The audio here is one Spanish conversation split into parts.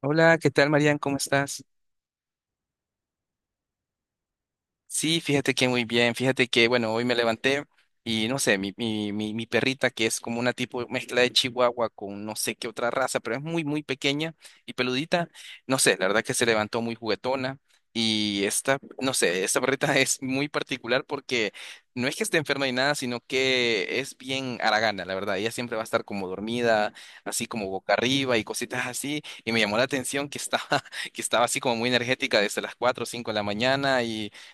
Hola, ¿qué tal, Marian? ¿Cómo estás? Sí, fíjate que muy bien, fíjate que, bueno, hoy me levanté y no sé, mi perrita que es como una tipo mezcla de chihuahua con no sé qué otra raza, pero es muy, muy pequeña y peludita, no sé, la verdad que se levantó muy juguetona y esta, no sé, esta perrita es muy particular porque no es que esté enferma ni nada, sino que es bien haragana, la verdad, ella siempre va a estar como dormida, así como boca arriba y cositas así, y me llamó la atención que estaba, que estaba así como muy energética desde las 4 o 5 de la mañana.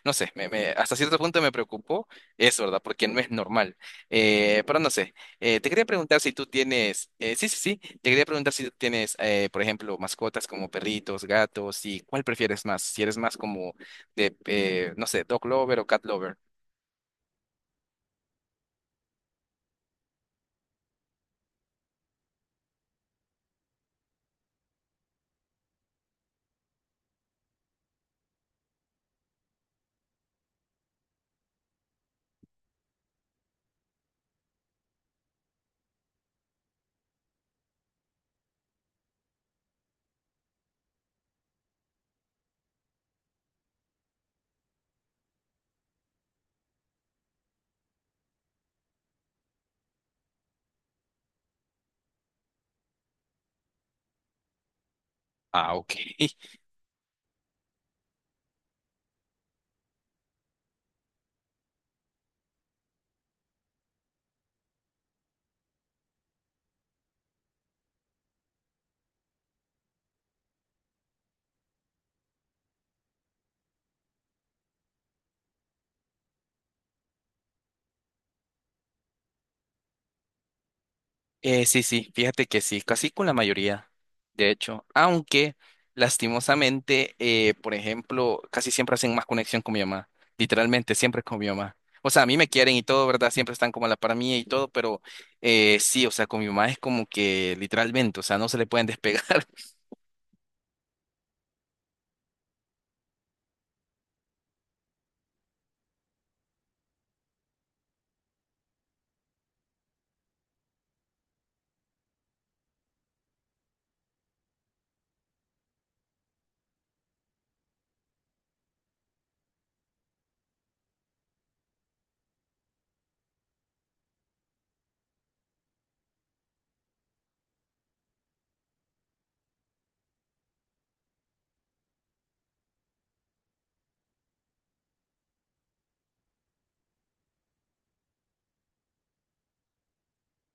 No sé, hasta cierto punto me preocupó eso, ¿verdad? Porque no es normal. Pero no sé, te quería preguntar si tú tienes, te quería preguntar si tú tienes, por ejemplo, mascotas como perritos, gatos, y cuál prefieres más, si eres más como de, no sé, dog lover o cat lover. Ah, ok. Sí, sí, fíjate que sí, casi con la mayoría, de hecho, aunque lastimosamente, por ejemplo, casi siempre hacen más conexión con mi mamá, literalmente siempre con mi mamá. O sea, a mí me quieren y todo, ¿verdad? Siempre están como a la par mía y todo, pero sí, o sea, con mi mamá es como que literalmente, o sea, no se le pueden despegar.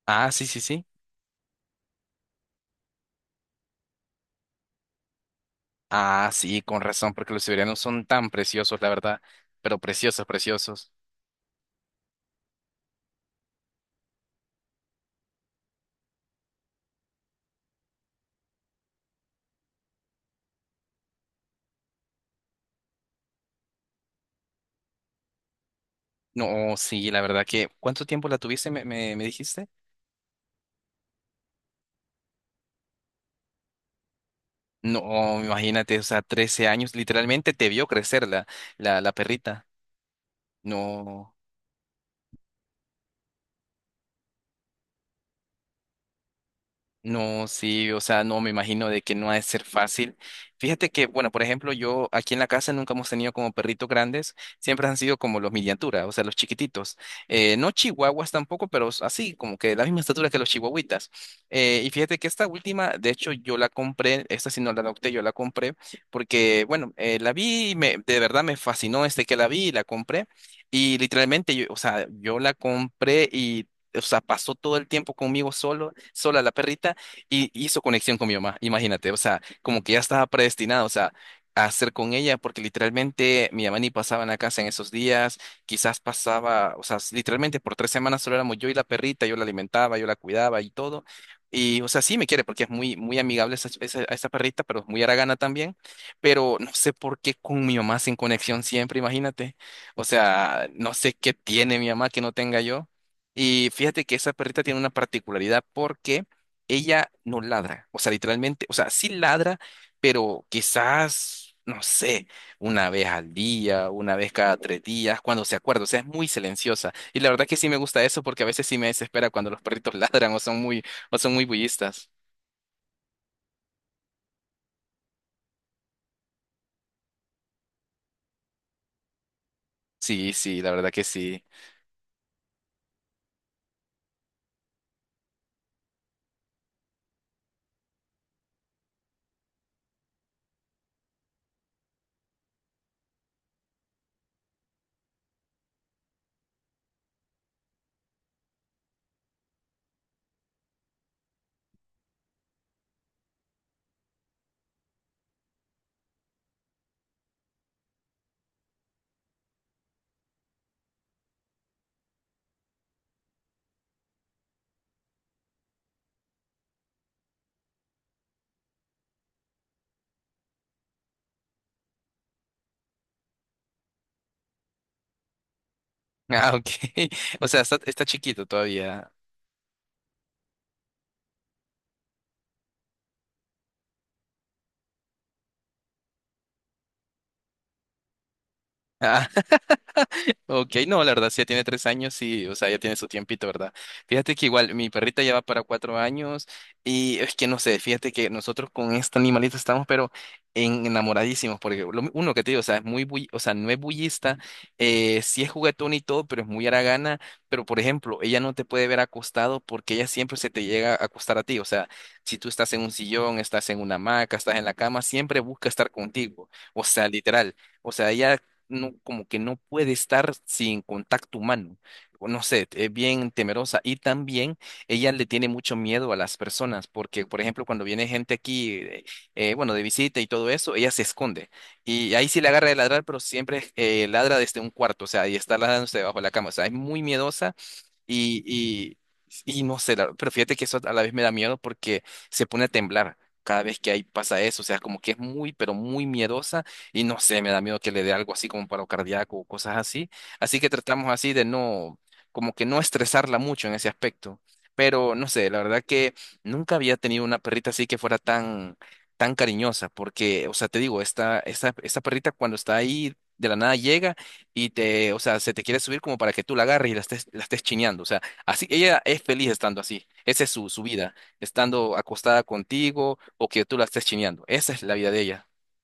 Ah, sí, sí, sí. Ah, sí, con razón, porque los siberianos son tan preciosos, la verdad, pero preciosos, preciosos. No, sí, la verdad que, ¿cuánto tiempo la tuviste, me dijiste? No, imagínate, o sea, 13 años, literalmente te vio crecer la perrita. No. No, sí, o sea, no me imagino de que no ha de ser fácil. Fíjate que, bueno, por ejemplo, yo aquí en la casa nunca hemos tenido como perritos grandes, siempre han sido como los miniaturas, o sea, los chiquititos. No chihuahuas tampoco, pero así, como que de la misma estatura que los chihuahuitas. Y fíjate que esta última, de hecho, yo la compré, esta sí no la adopté, yo la compré, porque, bueno, la vi, y me, de verdad me fascinó este que la vi y la compré. Y literalmente, yo, o sea, yo la compré y, o sea, pasó todo el tiempo conmigo solo, sola la perrita y hizo conexión con mi mamá, imagínate, o sea, como que ya estaba predestinado, o sea, a hacer con ella, porque literalmente mi mamá ni pasaba en la casa en esos días, quizás pasaba, o sea, literalmente por 3 semanas solo éramos yo y la perrita, yo la alimentaba, yo la cuidaba y todo. Y, o sea, sí me quiere porque es muy, muy amigable esa perrita, pero es muy haragana también. Pero no sé por qué con mi mamá sin conexión siempre, imagínate. O sea, no sé qué tiene mi mamá que no tenga yo. Y fíjate que esa perrita tiene una particularidad porque ella no ladra, o sea, literalmente, o sea, sí ladra, pero quizás, no sé, una vez al día, una vez cada tres días, cuando se acuerda, o sea, es muy silenciosa. Y la verdad que sí me gusta eso porque a veces sí me desespera cuando los perritos ladran o son muy bullistas. Sí, sí, la verdad que sí. Ah, ok. O sea, está, está chiquito todavía. Ok, no, la verdad, sí, ya tiene 3 años y, o sea, ya tiene su tiempito, ¿verdad? Fíjate que igual mi perrita ya va para 4 años y es que no sé, fíjate que nosotros con este animalito estamos, pero enamoradísimos, porque uno que te digo, o sea, es muy, o sea, no es bullista, sí es juguetón y todo, pero es muy haragana, pero por ejemplo, ella no te puede ver acostado porque ella siempre se te llega a acostar a ti, o sea, si tú estás en un sillón, estás en una hamaca, estás en la cama, siempre busca estar contigo, o sea, literal. O sea, ella no, como que no puede estar sin contacto humano. O no sé, es bien temerosa. Y también ella le tiene mucho miedo a las personas, porque, por ejemplo, cuando viene gente aquí, bueno, de visita y todo eso, ella se esconde. Y ahí sí le agarra de ladrar, pero siempre ladra desde un cuarto, o sea, y está ladrándose debajo de la cama. O sea, es muy miedosa y, y no sé, pero fíjate que eso a la vez me da miedo porque se pone a temblar cada vez que ahí pasa eso. O sea, como que es muy, pero muy miedosa y no sé, me da miedo que le dé algo así como paro cardíaco o cosas así. Así que tratamos así de no, como que no estresarla mucho en ese aspecto. Pero no sé, la verdad que nunca había tenido una perrita así que fuera tan, tan cariñosa porque, o sea, te digo, esta perrita cuando está ahí... De la nada llega y te, o sea, se te quiere subir como para que tú la agarres y la estés chineando. O sea, así, ella es feliz estando así. Esa es su, su vida, estando acostada contigo o que tú la estés chineando. Esa es la vida de ella.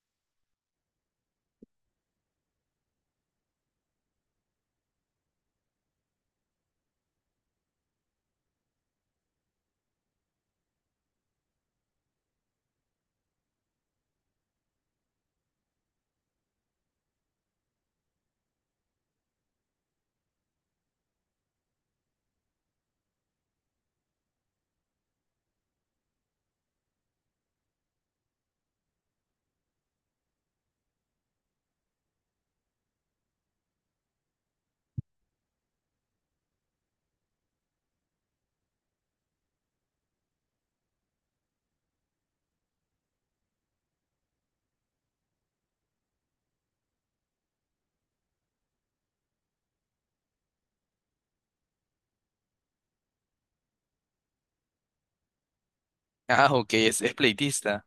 Ah, ok, es pleitista.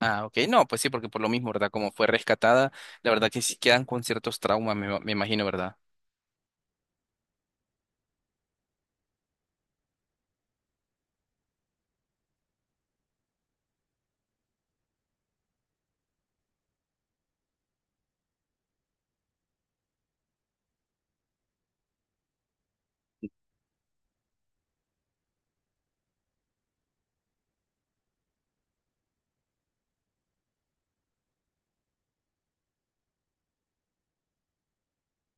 Ah, ok, no, pues sí, porque por lo mismo, ¿verdad? Como fue rescatada, la verdad que sí quedan con ciertos traumas, me imagino, ¿verdad?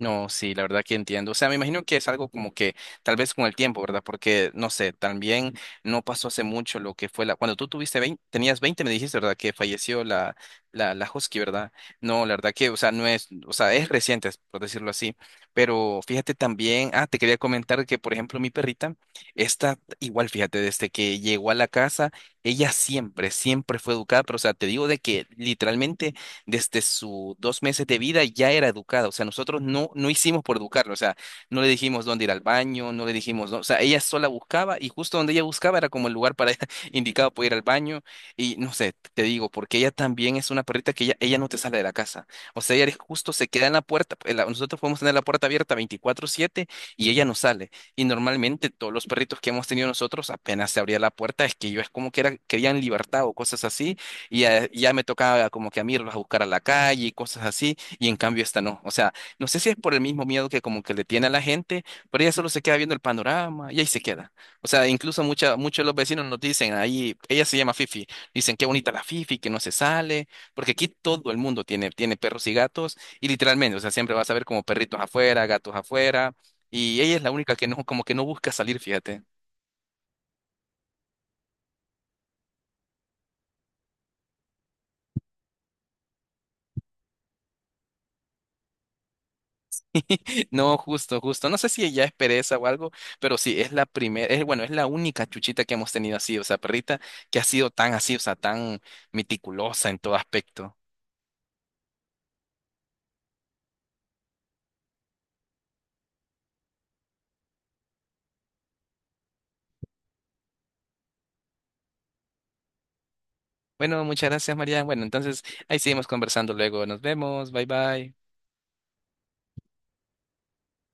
No, sí, la verdad que entiendo. O sea, me imagino que es algo como que tal vez con el tiempo, ¿verdad? Porque, no sé, también no pasó hace mucho lo que fue la... Cuando tú tuviste 20, tenías 20, me dijiste, ¿verdad? Que falleció la, la Husky, ¿verdad? No, la verdad que, o sea, no es, o sea, es reciente, por decirlo así. Pero fíjate también, ah, te quería comentar que, por ejemplo, mi perrita, está igual, fíjate, desde que llegó a la casa, ella siempre, siempre fue educada, pero, o sea, te digo de que literalmente desde sus 2 meses de vida ya era educada. O sea, nosotros no, no hicimos por educarla. O sea, no le dijimos dónde ir al baño, no le dijimos, o sea, ella sola buscaba y justo donde ella buscaba era como el lugar para indicado para ir al baño. Y no sé, te digo, porque ella también es una perrita que ella no te sale de la casa. O sea, ella justo se queda en la puerta. Nosotros podemos tener la puerta abierta 24/7 y ella no sale. Y normalmente todos los perritos que hemos tenido nosotros apenas se abría la puerta, es que yo es como que era, querían libertad o cosas así y ya, ya me tocaba como que a mí irlos a buscar a la calle y cosas así, y en cambio esta no. O sea, no sé si es por el mismo miedo que como que le tiene a la gente, pero ella solo se queda viendo el panorama y ahí se queda. O sea, incluso mucha, muchos de los vecinos nos dicen, ahí, ella se llama Fifi, dicen qué bonita la Fifi, que no se sale, porque aquí todo el mundo tiene, tiene perros y gatos, y literalmente, o sea, siempre vas a ver como perritos afuera, gatos afuera. Y ella es la única que no, como que no busca salir, fíjate. No, justo, justo. No sé si ella es pereza o algo, pero sí, es la primera, es, bueno, es la única chuchita que hemos tenido así, o sea, perrita que ha sido tan así, o sea, tan meticulosa en todo aspecto. Bueno, muchas gracias, María. Bueno, entonces ahí seguimos conversando luego. Nos vemos. Bye bye.